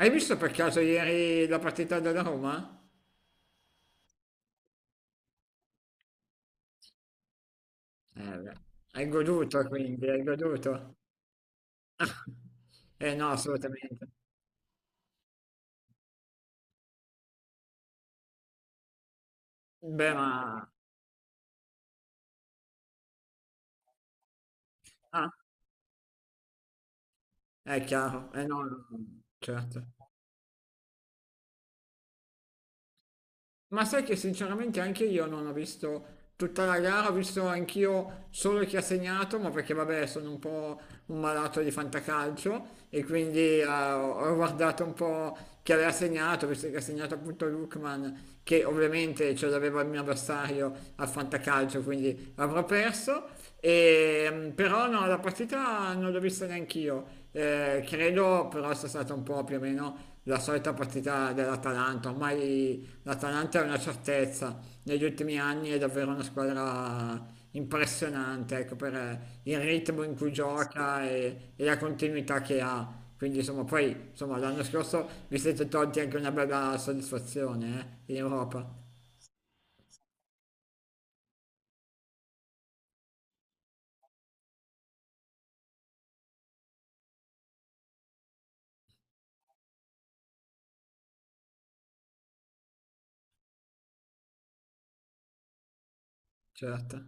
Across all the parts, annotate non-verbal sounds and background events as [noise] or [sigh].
Hai visto per caso ieri la partita della Roma? Beh. Hai goduto quindi, hai goduto? Eh no, assolutamente. Beh, ma. Ah, è chiaro, eh no, no, certo. Ma sai che sinceramente anche io non ho visto tutta la gara, ho visto anch'io solo chi ha segnato, ma perché vabbè sono un po' un malato di fantacalcio e quindi ho guardato un po' chi aveva segnato, visto che ha segnato appunto Lukman, che ovviamente ce l'aveva il mio avversario al fantacalcio, quindi avrò perso. E, però no, la partita non l'ho vista neanch'io. Credo però sia stata un po' più o meno la solita partita dell'Atalanta ormai. L'Atalanta è una certezza, negli ultimi anni è davvero una squadra impressionante, ecco, per il ritmo in cui gioca e, la continuità che ha. Quindi insomma, poi insomma, l'anno scorso vi siete tolti anche una bella soddisfazione, in Europa, certo.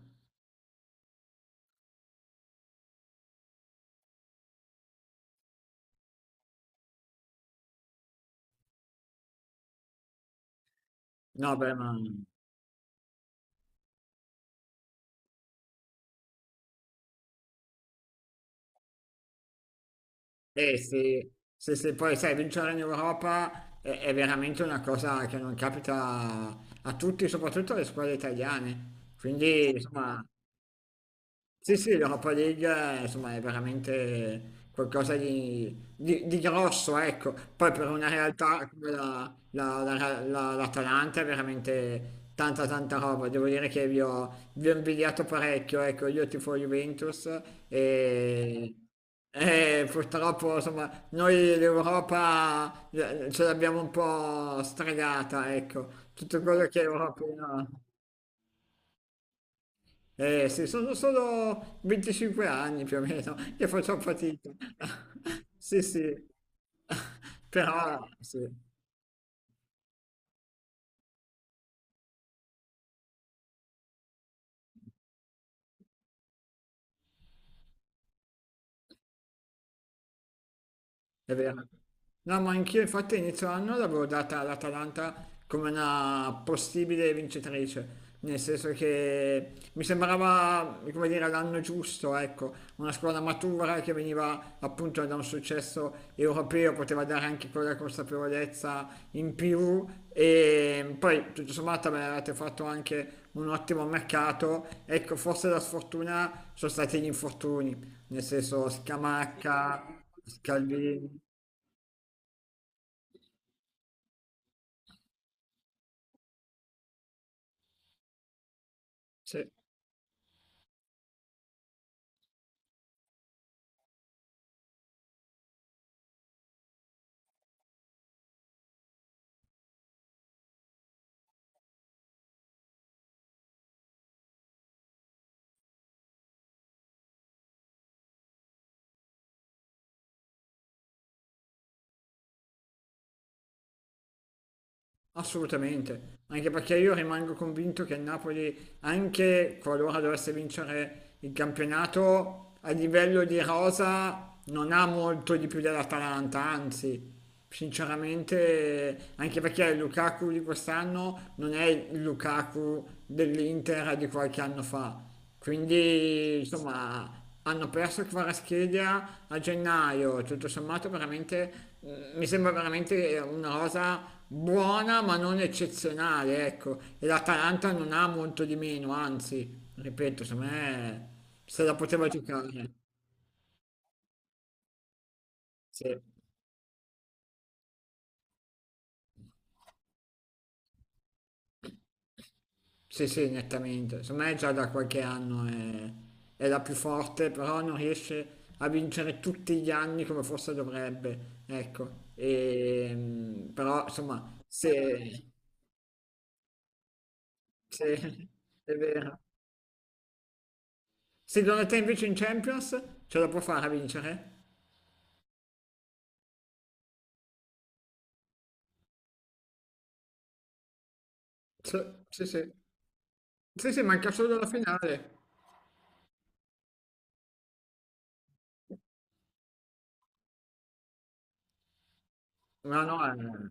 No, beh, ma. Eh sì, sì, sì, poi sai, vincere in Europa è veramente una cosa che non capita a tutti, soprattutto alle squadre italiane. Quindi, insomma, sì, sì, l'Europa League insomma è veramente qualcosa di grosso, ecco. Poi per una realtà come l'Atalanta è veramente tanta tanta roba. Devo dire che vi ho invidiato parecchio, ecco, io tifo Juventus e, e purtroppo insomma noi l'Europa ce l'abbiamo un po' stregata, ecco. Tutto quello che è Europa. Eh sì, sono solo 25 anni più o meno che faccio fatica. [laughs] Sì, sì, [laughs] però sì. È vero. No, ma anch'io infatti inizio anno l'avevo data all'Atalanta come una possibile vincitrice, nel senso che mi sembrava, come dire, l'anno giusto, ecco, una squadra matura che veniva appunto da un successo europeo, poteva dare anche quella consapevolezza in più e poi tutto sommato avete fatto anche un ottimo mercato, ecco, forse la sfortuna sono stati gli infortuni, nel senso Scamacca, Scalvini. Sì, assolutamente. Anche perché io rimango convinto che il Napoli, anche qualora dovesse vincere il campionato, a livello di rosa non ha molto di più dell'Atalanta, anzi, sinceramente, anche perché il Lukaku di quest'anno non è il Lukaku dell'Inter di qualche anno fa. Quindi, insomma, hanno perso Kvaratskhelia a gennaio, tutto sommato veramente, mi sembra veramente una cosa buona ma non eccezionale, ecco. E l'Atalanta non ha molto di meno, anzi, ripeto, secondo me se la poteva giocare. Sì. Sì, sì, nettamente. Secondo me già da qualche anno è la più forte, però non riesce a vincere tutti gli anni come forse dovrebbe. Ecco, e, però insomma, se- [laughs] è vero. Secondo te invece in Champions ce la può fare a vincere? Sì, sì, sì. Sì, sì, manca solo la finale. No, no,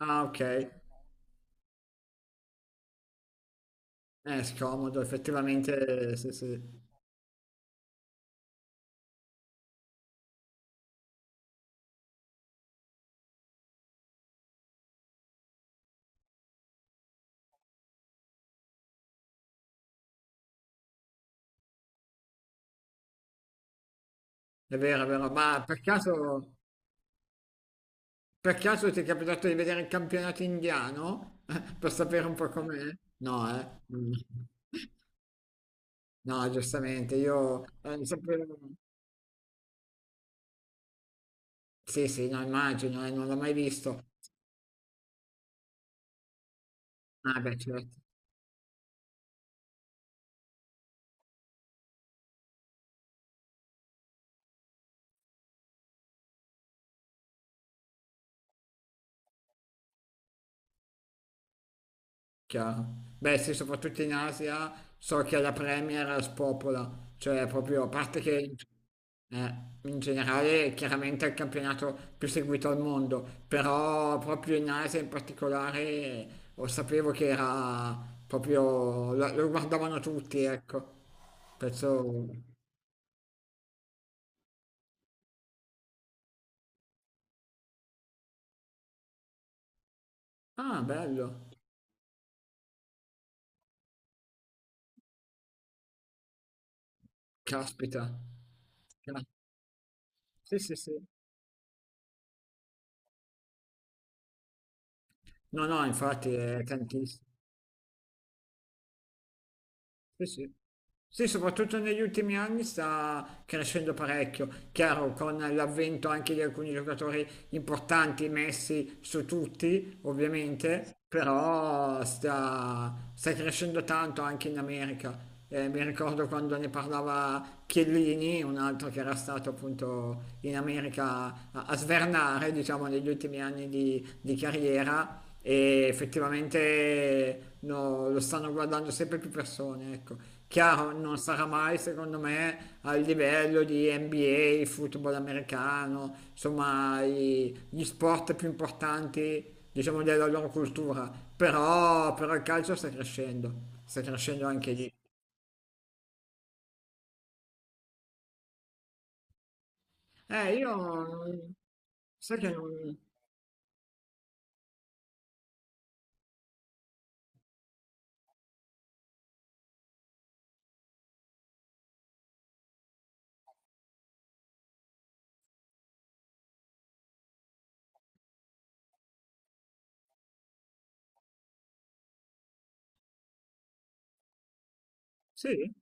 ah, ok. È scomodo, effettivamente, sì, sì. È vero, è vero. Ma per caso. Per caso ti è capitato di vedere il campionato indiano? [laughs] Per sapere un po' com'è? No, eh? Mm. No, giustamente, io sapevo. Sì, sì, no, immagino, non l'ho mai visto. Ah, beh, certo. Chiaro. Beh, sì, soprattutto in Asia so che la Premier spopola, cioè proprio a parte che eh, in generale chiaramente è il campionato più seguito al mondo, però proprio in Asia in particolare lo sapevo che era proprio lo guardavano tutti, ecco. Penso. Ah, bello. Caspita. Ca- Sì, sì, sì. No, no, infatti è tantissimo. Sì, sì. Sì, soprattutto negli ultimi anni sta crescendo parecchio, chiaro con l'avvento anche di alcuni giocatori importanti messi su tutti, ovviamente, però sta crescendo tanto anche in America. Mi ricordo quando ne parlava Chiellini, un altro che era stato appunto in America a svernare, diciamo, negli ultimi anni di carriera, e effettivamente no, lo stanno guardando sempre più persone, ecco. Chiaro, non sarà mai, secondo me, al livello di NBA, football americano, insomma, gli sport più importanti, diciamo, della loro cultura, però il calcio sta crescendo anche lì. Io. Sai che non. Sì?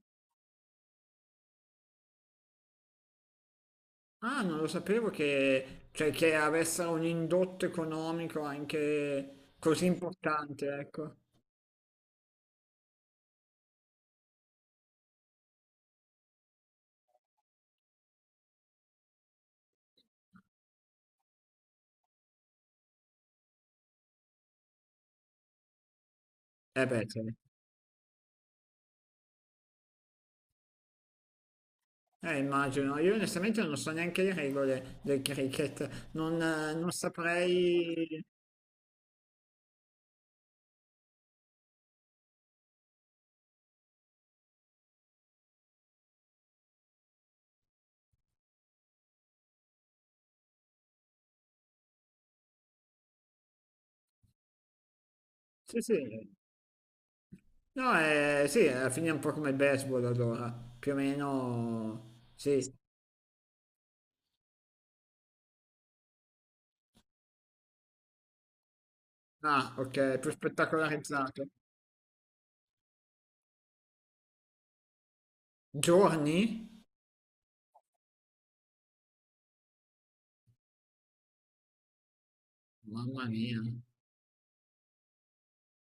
Ah, non lo sapevo che, cioè, che avesse un indotto economico anche così importante, ecco. Eh beh, sì. Immagino. Io onestamente non so neanche le regole del cricket, non saprei. Sì, sì. No, sì, alla fine è un po' come il baseball allora, più o meno. Sì. Ah, ok, più spettacolarizzato. Giorni? Mamma mia.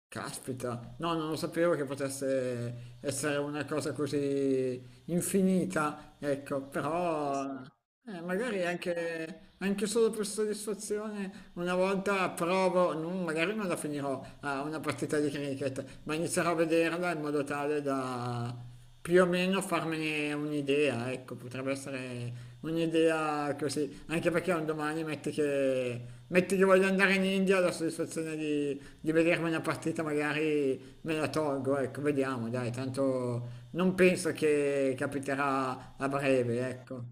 Caspita, no, non lo sapevo che potesse essere una cosa così infinita, ecco. Sì, però sì. Magari anche solo per soddisfazione una volta provo, magari non la finirò a una partita di cricket, ma inizierò a vederla in modo tale da più o meno farmene un'idea, ecco, potrebbe essere un'idea così, anche perché un domani metti che, voglio andare in India, la soddisfazione di vedermi una partita magari me la tolgo, ecco, vediamo, dai, tanto non penso che capiterà a breve, ecco.